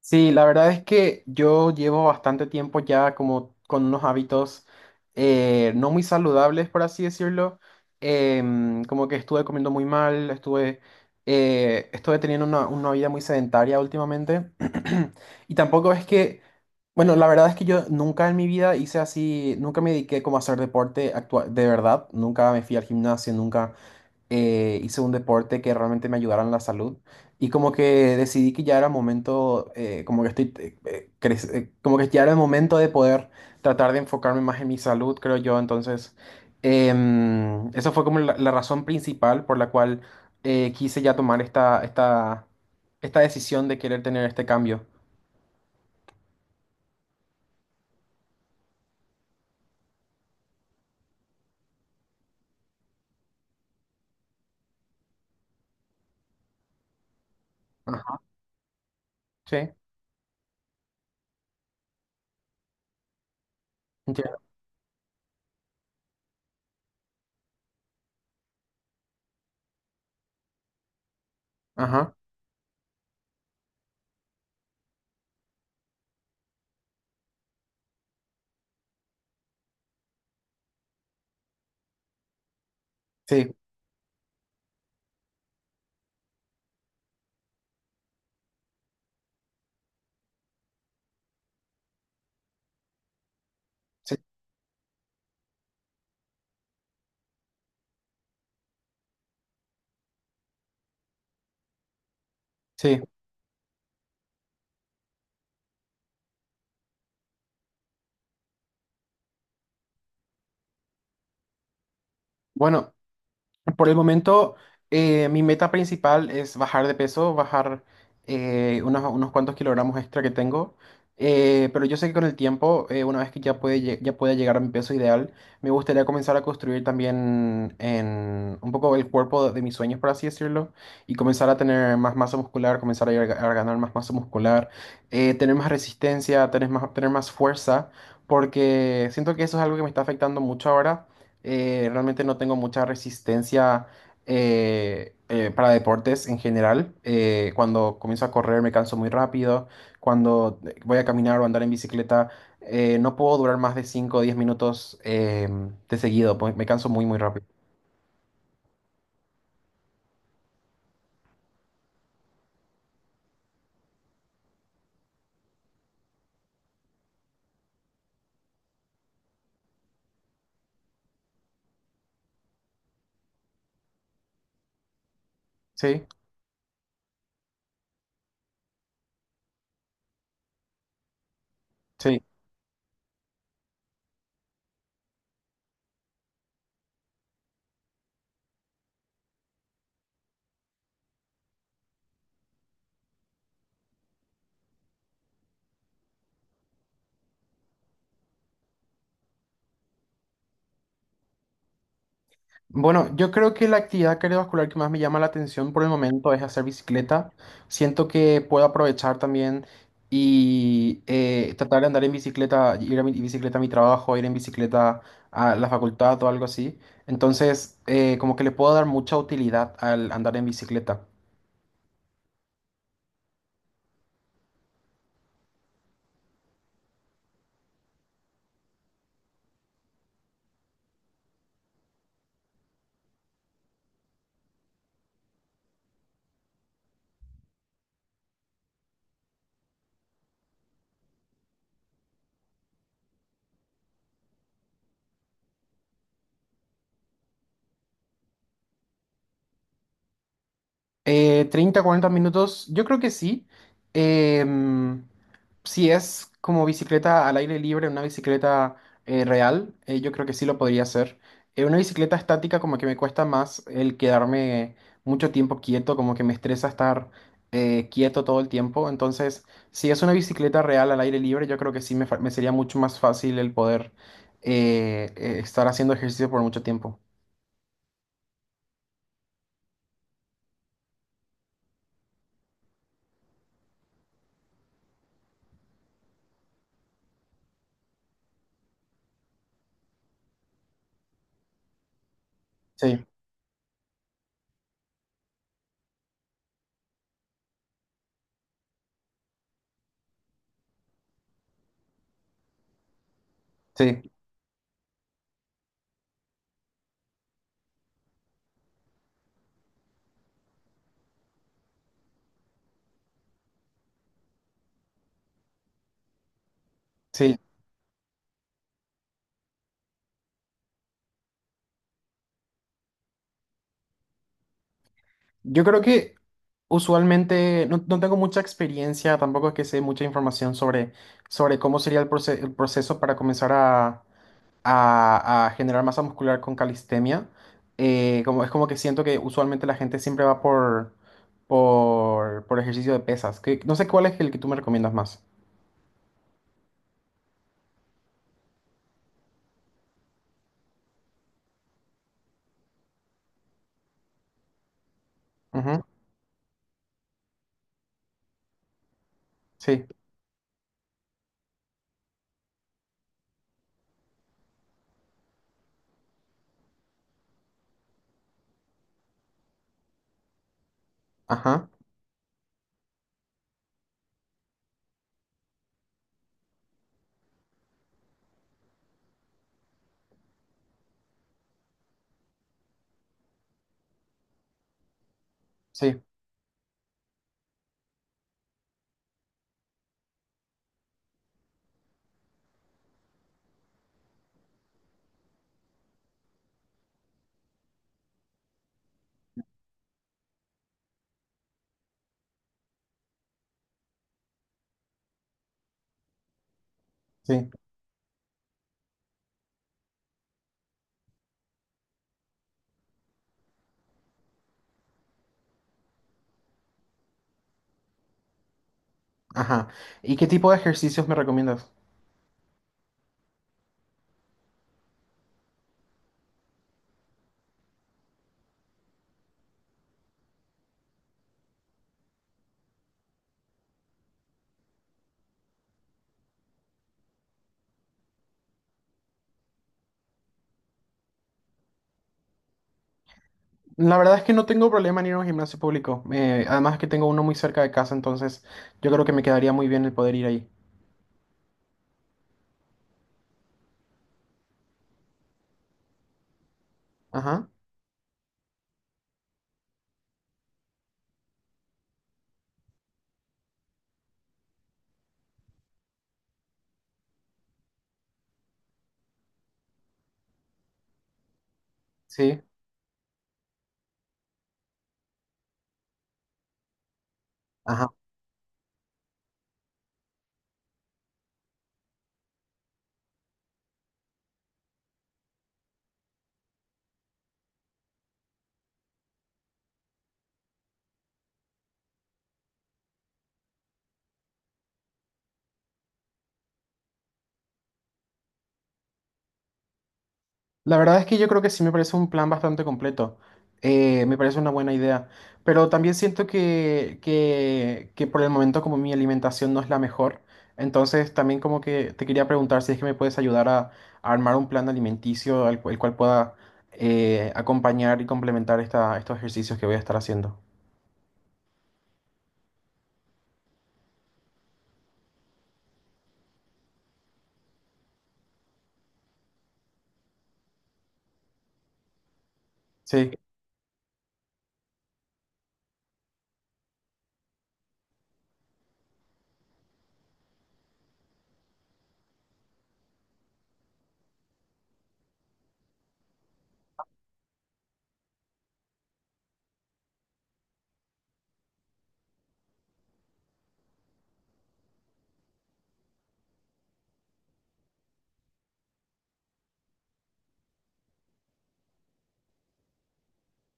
Sí, la verdad es que yo llevo bastante tiempo ya como con unos hábitos no muy saludables, por así decirlo. Como que estuve comiendo muy mal, estuve teniendo una vida muy sedentaria últimamente. Y tampoco es que, bueno, la verdad es que yo nunca en mi vida hice así, nunca me dediqué como a hacer de verdad, nunca me fui al gimnasio, nunca hice un deporte que realmente me ayudara en la salud y como que decidí que ya era momento, como que ya era el momento de poder tratar de enfocarme más en mi salud, creo yo. Entonces, esa fue como la razón principal por la cual quise ya tomar esta decisión de querer tener este cambio. Ajá. Sí, entiendo. Ajá. Sí, sí, sí. Bueno. Por el momento, mi meta principal es bajar de peso, bajar unos cuantos kilogramos extra que tengo. Pero yo sé que con el tiempo, una vez que ya pueda llegar a mi peso ideal, me gustaría comenzar a construir también en un poco el cuerpo de mis sueños, por así decirlo, y comenzar a tener más masa muscular, a ganar más masa muscular, tener más resistencia, tener más fuerza, porque siento que eso es algo que me está afectando mucho ahora. Realmente no tengo mucha resistencia para deportes en general. Cuando comienzo a correr me canso muy rápido. Cuando voy a caminar o andar en bicicleta, no puedo durar más de 5 o 10 minutos de seguido, pues me canso muy, muy rápido. Sí, sí. Bueno, yo creo que la actividad cardiovascular que más me llama la atención por el momento es hacer bicicleta. Siento que puedo aprovechar también y tratar de andar en bicicleta, ir en bicicleta a mi trabajo, ir en bicicleta a la facultad o algo así. Entonces, como que le puedo dar mucha utilidad al andar en bicicleta. 30, 40 minutos, yo creo que sí. Em, si es como bicicleta al aire libre, una bicicleta real, yo creo que sí lo podría hacer. Una bicicleta estática como que me cuesta más el quedarme mucho tiempo quieto, como que me estresa estar quieto todo el tiempo. Entonces, si es una bicicleta real al aire libre, yo creo que sí me sería mucho más fácil el poder estar haciendo ejercicio por mucho tiempo. Sí, sí, sí. Yo creo que usualmente no tengo mucha experiencia, tampoco es que sé mucha información sobre, sobre cómo sería el proceso para comenzar a generar masa muscular con calistenia. Es como que siento que usualmente la gente siempre va por ejercicio de pesas. Que, no sé cuál es el que tú me recomiendas más. Ujú. Sí, ajá, sí, sí, ajá. ¿Y qué tipo de ejercicios me recomiendas? La verdad es que no tengo problema en ir a un gimnasio público. Además que tengo uno muy cerca de casa, entonces yo creo que me quedaría muy bien el poder ir ahí. Ajá, sí, ajá. La verdad es que yo creo que sí me parece un plan bastante completo. Me parece una buena idea. Pero también siento que por el momento como mi alimentación no es la mejor, entonces también como que te quería preguntar si es que me puedes ayudar a armar un plan alimenticio el cual pueda acompañar y complementar estos ejercicios que voy a estar haciendo. Sí.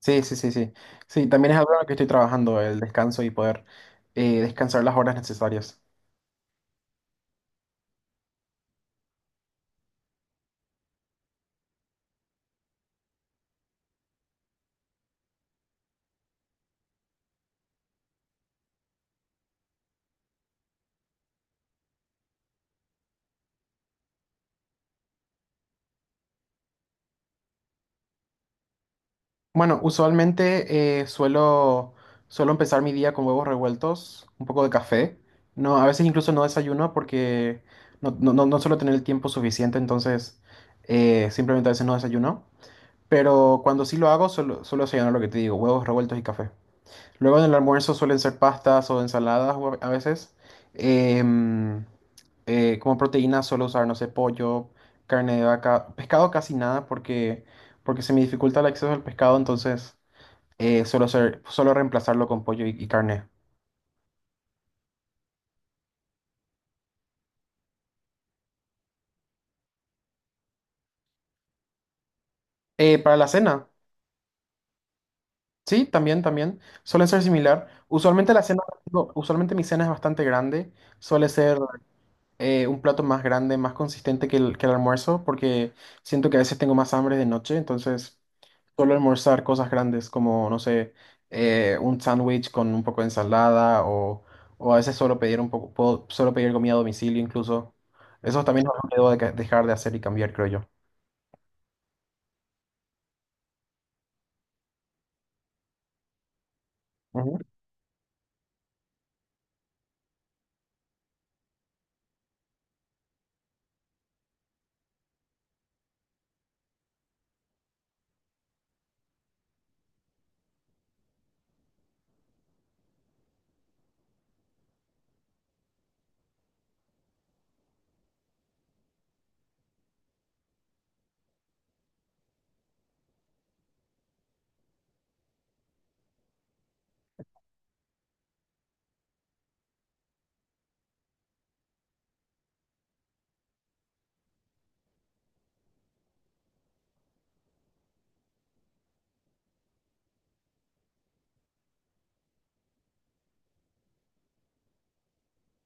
Sí, sí, sí, sí. Sí, también es algo en lo que estoy trabajando, el descanso y poder descansar las horas necesarias. Bueno, suelo empezar mi día con huevos revueltos, un poco de café. No, a veces incluso no desayuno porque no suelo tener el tiempo suficiente, entonces simplemente a veces no desayuno. Pero cuando sí lo hago, suelo desayunar lo que te digo, huevos revueltos y café. Luego en el almuerzo suelen ser pastas o ensaladas o a veces. Em, Como proteína suelo usar, no sé, pollo, carne de vaca, pescado casi nada porque se me dificulta el acceso al pescado, entonces suelo reemplazarlo con pollo y carne. Para la cena, sí, también, también. Suele ser similar. Usualmente la cena, no, usualmente mi cena es bastante grande. Suele ser un plato más grande, más consistente que que el almuerzo, porque siento que a veces tengo más hambre de noche, entonces suelo almorzar cosas grandes como, no sé, un sándwich con un poco de ensalada o a veces solo pedir un poco, suelo pedir comida a domicilio incluso. Eso también es algo que debo de dejar de hacer y cambiar, creo yo. Ujú.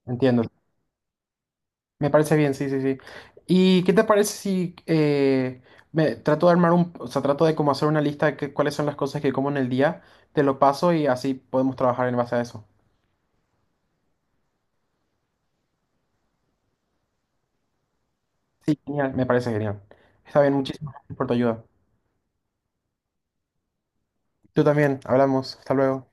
Entiendo. Me parece bien, sí, sí, sí. ¿Y qué te parece si me trato de armar un, o sea, trato de como hacer una lista de cuáles son las cosas que como en el día, te lo paso y así podemos trabajar en base a eso? Sí, genial, me parece genial. Está bien, muchísimas gracias por tu ayuda. Tú también, hablamos, hasta luego.